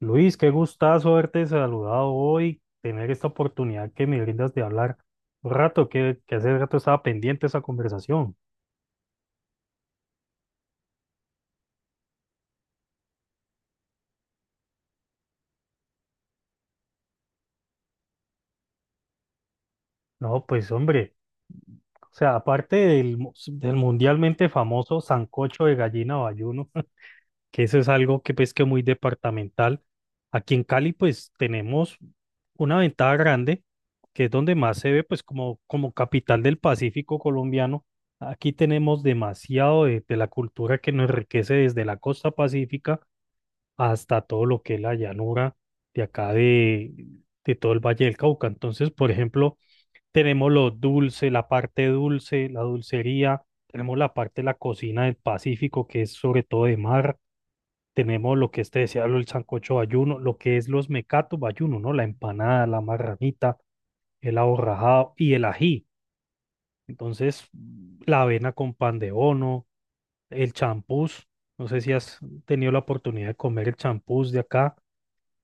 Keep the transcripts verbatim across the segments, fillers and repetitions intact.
Luis, qué gustazo haberte saludado hoy, tener esta oportunidad que me brindas de hablar un rato, que, que hace rato estaba pendiente esa conversación. No, pues hombre, o sea, aparte del, mu- del mundialmente famoso sancocho de gallina o ayuno, que eso es algo que pues que muy departamental. Aquí en Cali pues tenemos una ventaja grande, que es donde más se ve pues como, como capital del Pacífico colombiano. Aquí tenemos demasiado de, de la cultura que nos enriquece desde la costa pacífica hasta todo lo que es la llanura de acá de, de todo el Valle del Cauca. Entonces, por ejemplo, tenemos lo dulce, la parte dulce, la dulcería, tenemos la parte de la cocina del Pacífico, que es sobre todo de mar. Tenemos lo que este decía, lo- el sancocho bayuno, lo que es los mecatos bayuno, ¿no? La empanada, la marranita, el aborrajado y el ají. Entonces, la avena con pan de bono, el champús. No sé si has tenido la oportunidad de comer el champús de acá.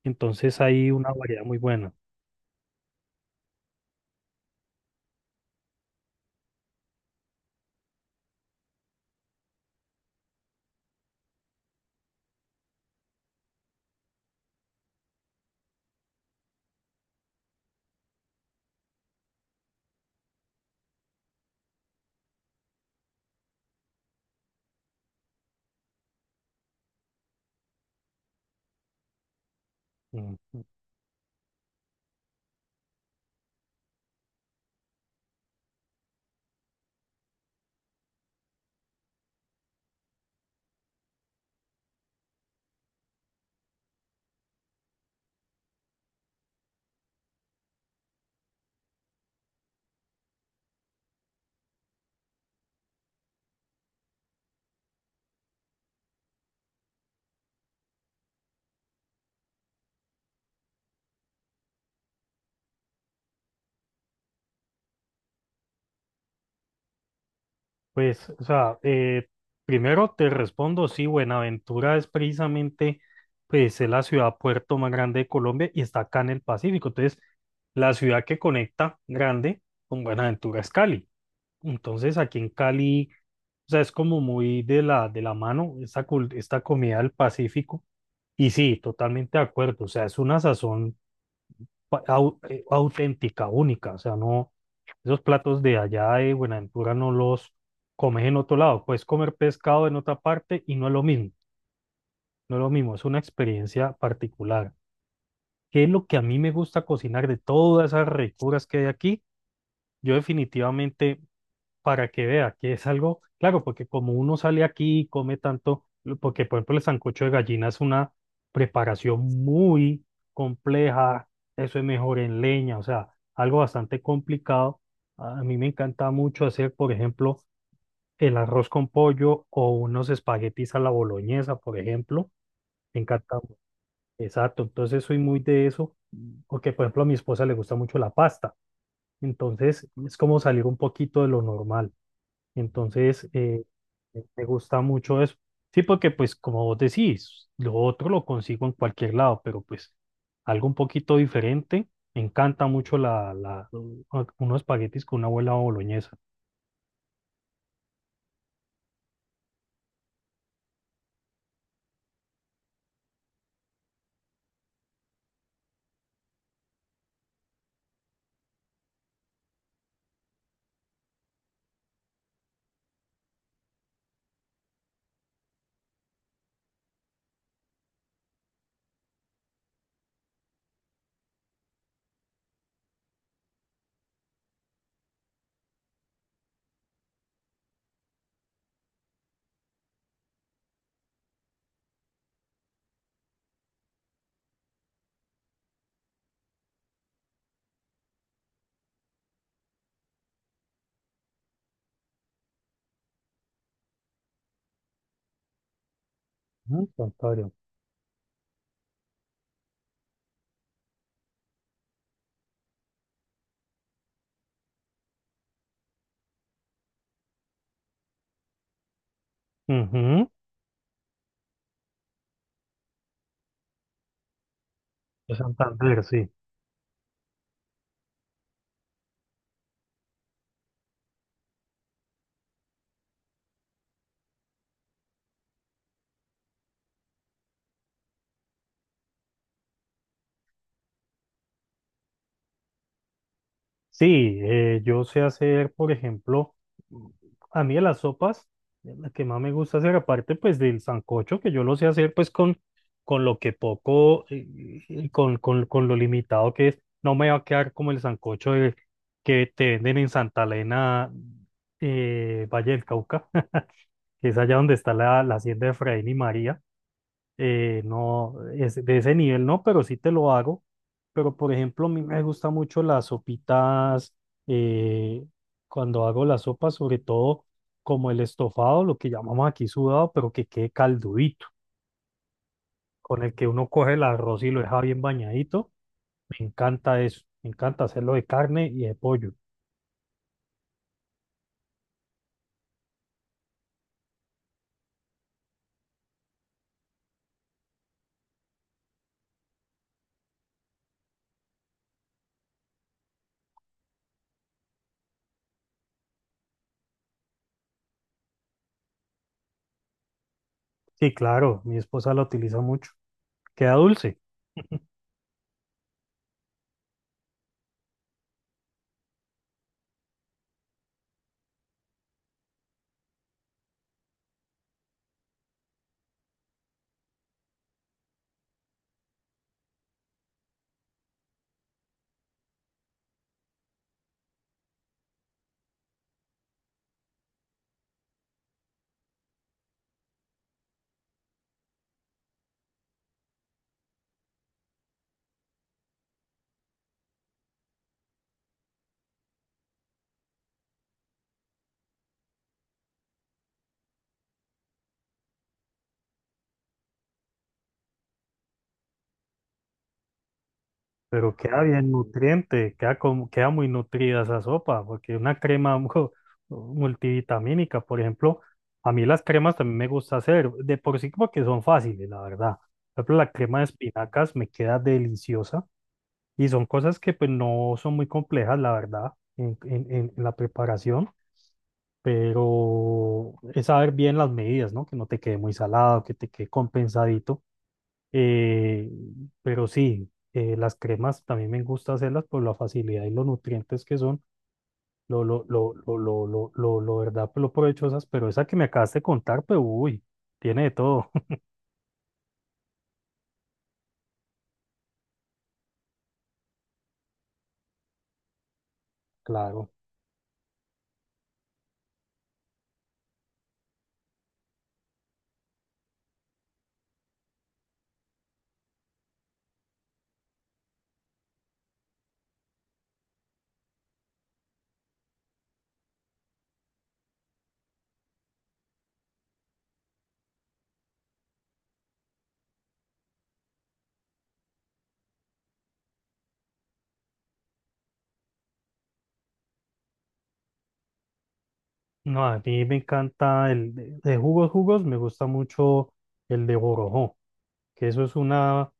Entonces, hay una variedad muy buena. Mm. Pues, o sea, eh, primero te respondo, sí, Buenaventura es precisamente, pues, es la ciudad puerto más grande de Colombia y está acá en el Pacífico. Entonces, la ciudad que conecta grande con Buenaventura es Cali. Entonces, aquí en Cali, o sea, es como muy de la, de la mano esta, cul- esta comida del Pacífico. Y sí, totalmente de acuerdo. O sea, es una sazón pa- au- eh, auténtica, única. O sea, no, esos platos de allá de Buenaventura no los comes en otro lado. Puedes comer pescado en otra parte y no es lo mismo. No es lo mismo, es una experiencia particular. ¿Qué es lo que a mí me gusta cocinar de todas esas ricuras que hay aquí? Yo definitivamente, para que vea que es algo, claro, porque como uno sale aquí y come tanto, lo- porque por ejemplo el sancocho de gallina es una preparación muy compleja, eso es mejor en leña, o sea, algo bastante complicado. A mí me encanta mucho hacer, por ejemplo, el arroz con pollo o unos espaguetis a la boloñesa, por ejemplo. Me encanta, exacto, entonces soy muy de eso, porque por ejemplo a mi esposa le gusta mucho la pasta, entonces es como salir un poquito de lo normal. Entonces, eh, me gusta mucho eso. Sí, porque pues como vos decís, lo otro lo consigo en cualquier lado, pero pues algo un poquito diferente. Me encanta mucho la, la, u- unos espaguetis con una abuela boloñesa. Ujú, Santander. Ujú, de Santander, sí. Sí, eh, yo sé hacer, por ejemplo, a mí de las sopas, la que más me gusta hacer, aparte pues del sancocho, que yo lo sé hacer pues con, con lo que poco, eh, y con, con, con lo limitado que es, no me va a quedar como el sancocho de- que te venden en Santa Elena, eh, Valle del Cauca, que es allá donde está la, la hacienda de Efraín y María. Eh, no, es de ese nivel no, pero sí te lo hago. Pero por ejemplo, a mí me gusta mucho las sopitas, eh, cuando hago la sopa, sobre todo como el estofado, lo que llamamos aquí sudado, pero que quede caldudito, con el que uno coge el arroz y lo deja bien bañadito. Me encanta eso, me encanta hacerlo de carne y de pollo. Sí, claro, mi esposa lo utiliza mucho. Queda dulce. Pero queda bien nutriente, queda, como, queda muy nutrida esa sopa, porque una crema mu- multivitamínica, por ejemplo, a mí las cremas también me gusta hacer, de por sí porque son fáciles, la verdad. Por ejemplo, la crema de espinacas me queda deliciosa y son cosas que pues no son muy complejas, la verdad, en, en- en- en la preparación, pero es saber bien las medidas, ¿no? Que no te quede muy salado, que te quede compensadito. eh, pero sí, eh, las cremas también me gusta hacerlas por la facilidad y los nutrientes que son, lo, lo, lo, lo, lo, lo, lo, lo verdad, pues, lo provechosas, pero esa que me acabas de contar, pues uy, tiene de todo, claro. No, a mí me encanta el de, de jugos, jugos, me gusta mucho el de borojó, que eso es una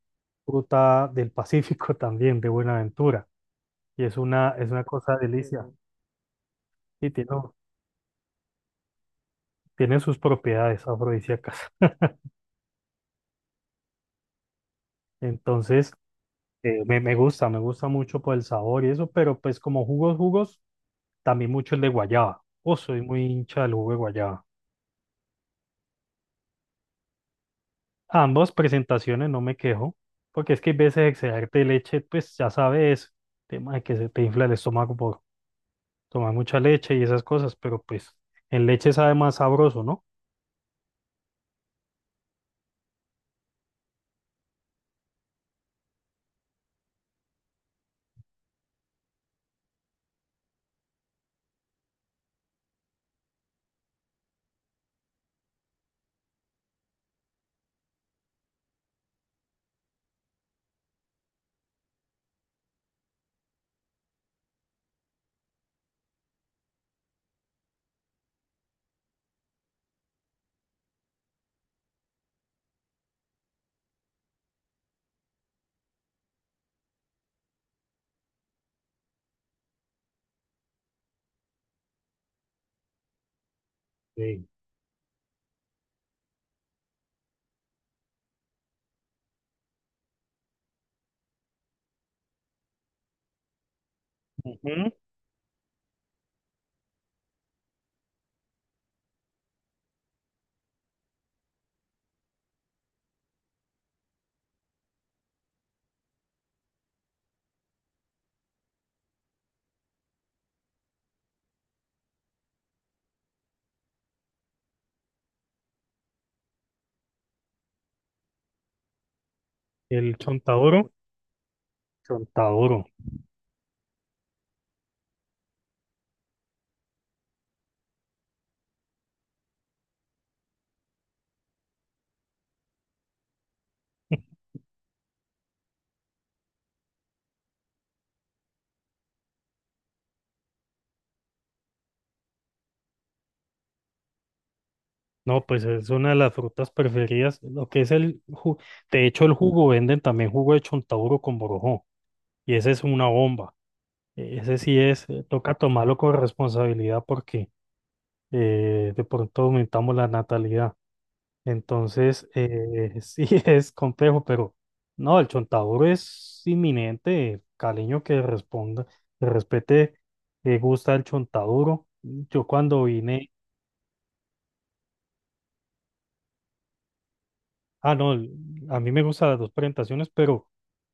fruta del Pacífico también, de Buenaventura, y es una, es una cosa delicia. Mm. Y tiene, tiene sus propiedades afrodisíacas. Entonces, Eh, me, me gusta, me gusta mucho por el sabor y eso, pero pues como jugos, jugos, también mucho el de guayaba. Oh, soy muy hincha del jugo de guayaba. Ambas presentaciones no me quejo, porque es que hay veces excederte de leche, pues ya sabes, tema de que se te infla el estómago por tomar mucha leche y esas cosas, pero pues en leche sabe más sabroso, ¿no? Sí. Ujú. El chontaduro, chontaduro. No, pues es una de las frutas preferidas, lo que es el jugo. De hecho, el jugo venden también jugo de chontaduro con borojó. Y ese es una bomba. E- Ese sí es, eh, toca tomarlo con responsabilidad porque eh, de pronto aumentamos la natalidad. Entonces, eh, sí es complejo, pero no, el chontaduro es inminente. Caleño que responda, que respete, que gusta el chontaduro. Yo cuando vine, ah, no, el- a mí me gustan las dos presentaciones, pero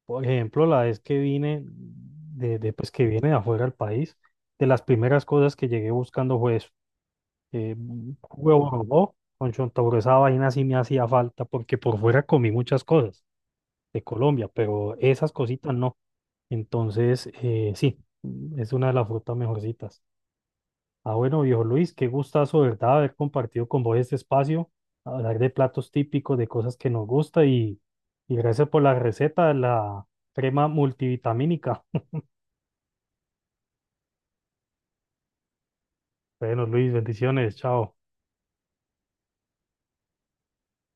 por ejemplo, la vez que vine, de, de, pues que viene de afuera del país, de las primeras cosas que llegué buscando fue eso. Eh, Jugo de borobó con chontaduro, esa vaina sí me hacía falta porque por fuera comí muchas cosas de Colombia, pero esas cositas no. Entonces, eh, sí, es una de las frutas mejorcitas. Ah, bueno, viejo Luis, qué gustazo, ¿verdad? Haber compartido con vos este espacio, hablar de platos típicos, de cosas que nos gusta, y, y gracias por la receta de la crema multivitamínica. Bueno, Luis, bendiciones, chao.